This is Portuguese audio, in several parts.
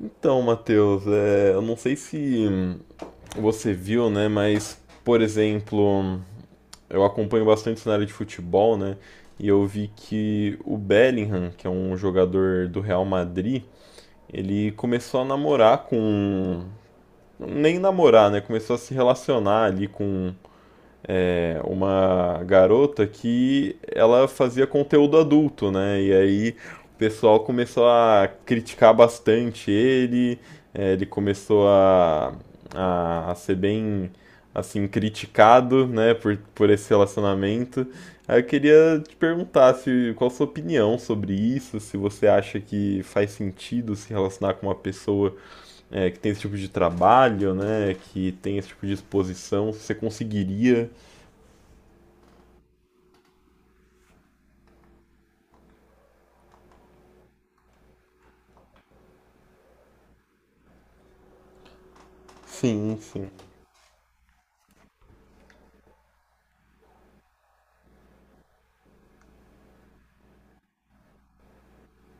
Então, Matheus, eu não sei se você viu, né, mas, por exemplo, eu acompanho bastante o cenário de futebol, né, e eu vi que o Bellingham, que é um jogador do Real Madrid, ele começou a namorar. Nem namorar, né, começou a se relacionar ali com uma garota que ela fazia conteúdo adulto, né? E aí o pessoal começou a criticar bastante ele, ele começou a ser bem assim criticado, né, por esse relacionamento. Aí eu queria te perguntar se qual a sua opinião sobre isso, se você acha que faz sentido se relacionar com uma pessoa que tem esse tipo de trabalho, né, que tem esse tipo de exposição, se você conseguiria. Sim, sim.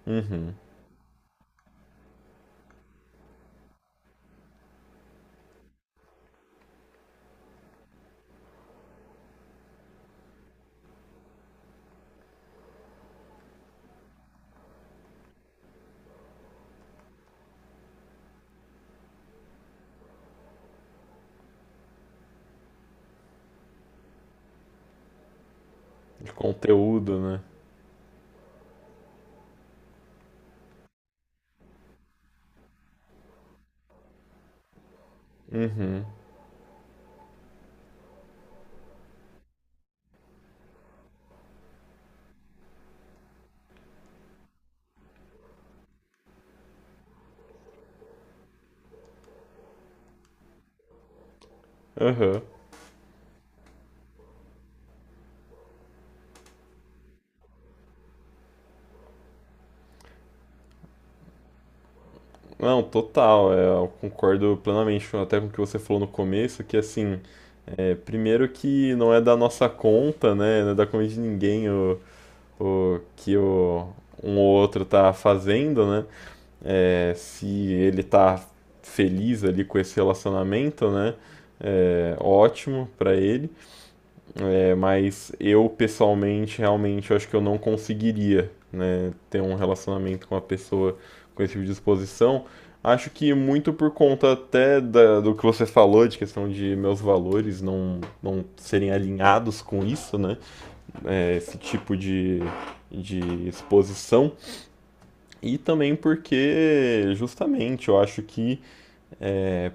Uhum. De conteúdo, né? Uhum. Aham. Não, total. Eu concordo plenamente até com o que você falou no começo, que assim, primeiro que não é da nossa conta, né? Não é da conta de ninguém o que um ou outro tá fazendo, né? É, se ele tá feliz ali com esse relacionamento, né? É, ótimo pra ele. É, mas eu pessoalmente, realmente, eu acho que eu não conseguiria, né, ter um relacionamento com uma pessoa com esse tipo de disposição. Acho que muito por conta até do que você falou, de questão de meus valores não serem alinhados com isso, né? É, esse tipo de exposição. E também porque, justamente, eu acho que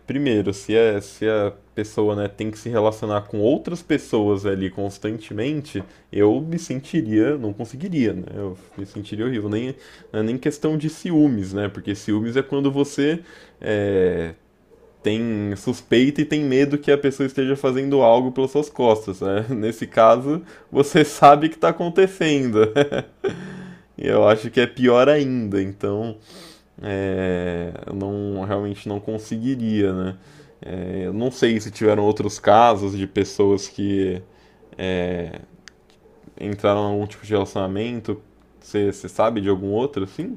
primeiro, se a pessoa, né, tem que se relacionar com outras pessoas ali constantemente, eu me sentiria, não conseguiria, né? Eu me sentiria horrível. Nem, Não é nem questão de ciúmes, né? Porque ciúmes é quando você é, tem suspeita e tem medo que a pessoa esteja fazendo algo pelas suas costas, né? Nesse caso, você sabe que está acontecendo. Eu acho que é pior ainda, então eu não realmente não conseguiria, né? É, eu não sei se tiveram outros casos de pessoas que entraram em algum tipo de relacionamento. Você sabe de algum outro assim?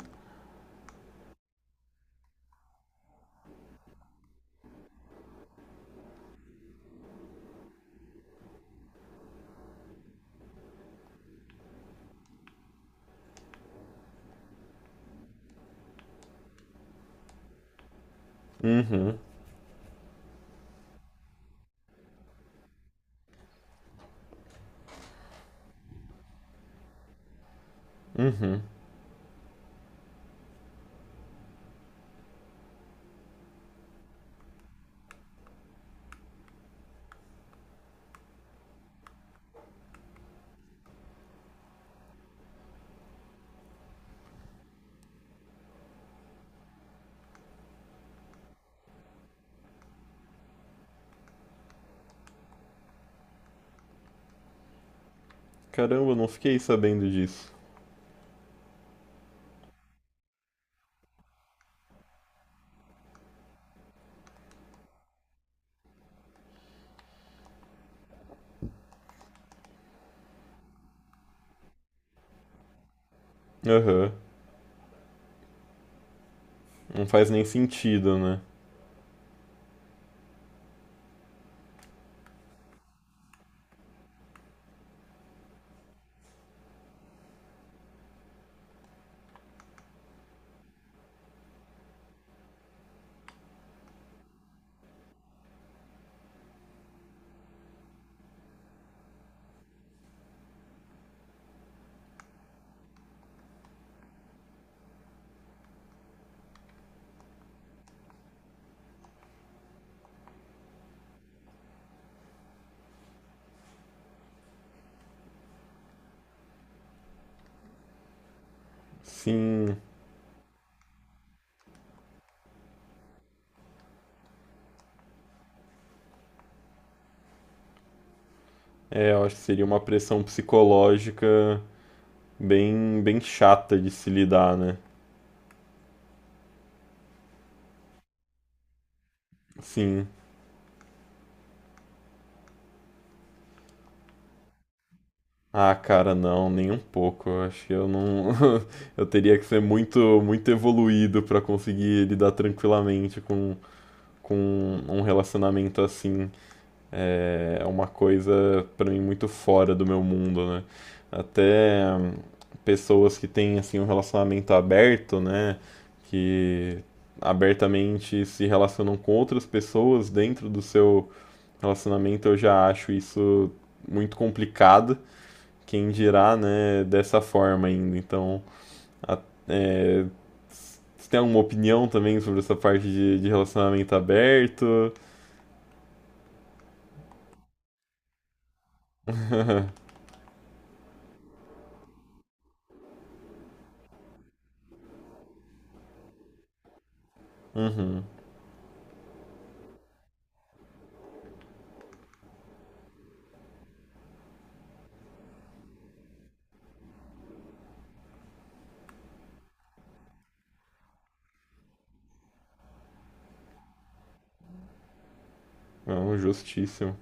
Uhum. Caramba, eu não fiquei sabendo disso. Aham. Não faz nem sentido, né? Sim, eu acho que seria uma pressão psicológica bem, bem chata de se lidar, né? Sim. Ah, cara, não, nem um pouco. Eu acho que eu não. Eu teria que ser muito, muito evoluído pra conseguir lidar tranquilamente com um relacionamento assim. É uma coisa para mim muito fora do meu mundo, né? Até pessoas que têm assim um relacionamento aberto, né, que abertamente se relacionam com outras pessoas dentro do seu relacionamento, eu já acho isso muito complicado. Quem dirá, né, dessa forma ainda. Então, a, é, você tem alguma opinião também sobre essa parte de relacionamento aberto? Não, justíssimo.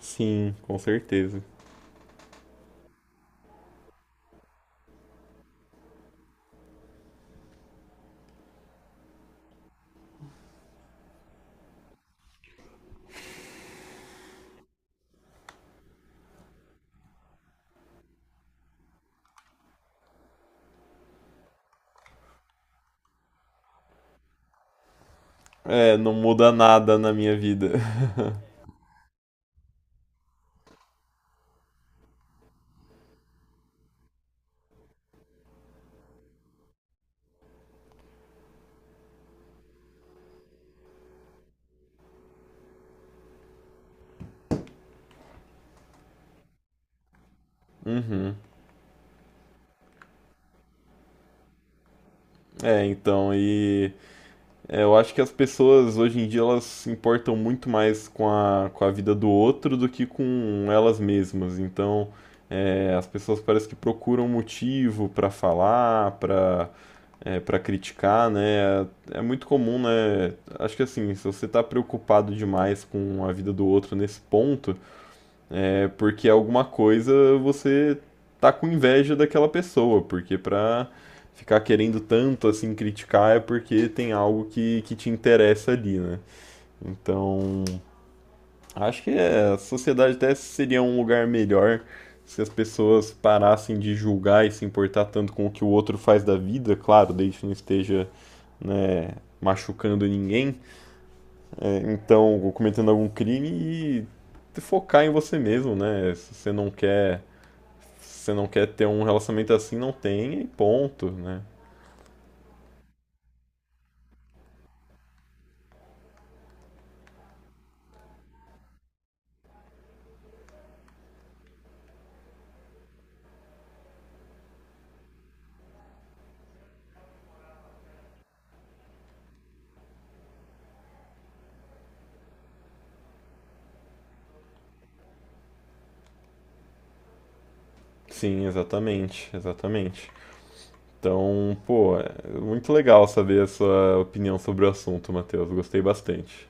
Sim, com certeza. É, não muda nada na minha vida. Uhum. É, então, e eu acho que as pessoas hoje em dia elas se importam muito mais com a vida do outro do que com elas mesmas. Então, as pessoas parece que procuram motivo pra falar, pra para criticar, né? É muito comum, né? Acho que assim, se você tá preocupado demais com a vida do outro nesse ponto, é porque alguma coisa você tá com inveja daquela pessoa, porque pra ficar querendo tanto assim criticar é porque tem algo que te interessa ali, né? Então, acho que a sociedade até seria um lugar melhor se as pessoas parassem de julgar e se importar tanto com o que o outro faz da vida, claro, desde que não esteja, né, machucando ninguém, então, ou cometendo algum crime e focar em você mesmo, né? Se você não quer ter um relacionamento assim, não tenha e ponto, né? Sim, exatamente, exatamente. Então, pô, é muito legal saber a sua opinião sobre o assunto, Matheus. Gostei bastante.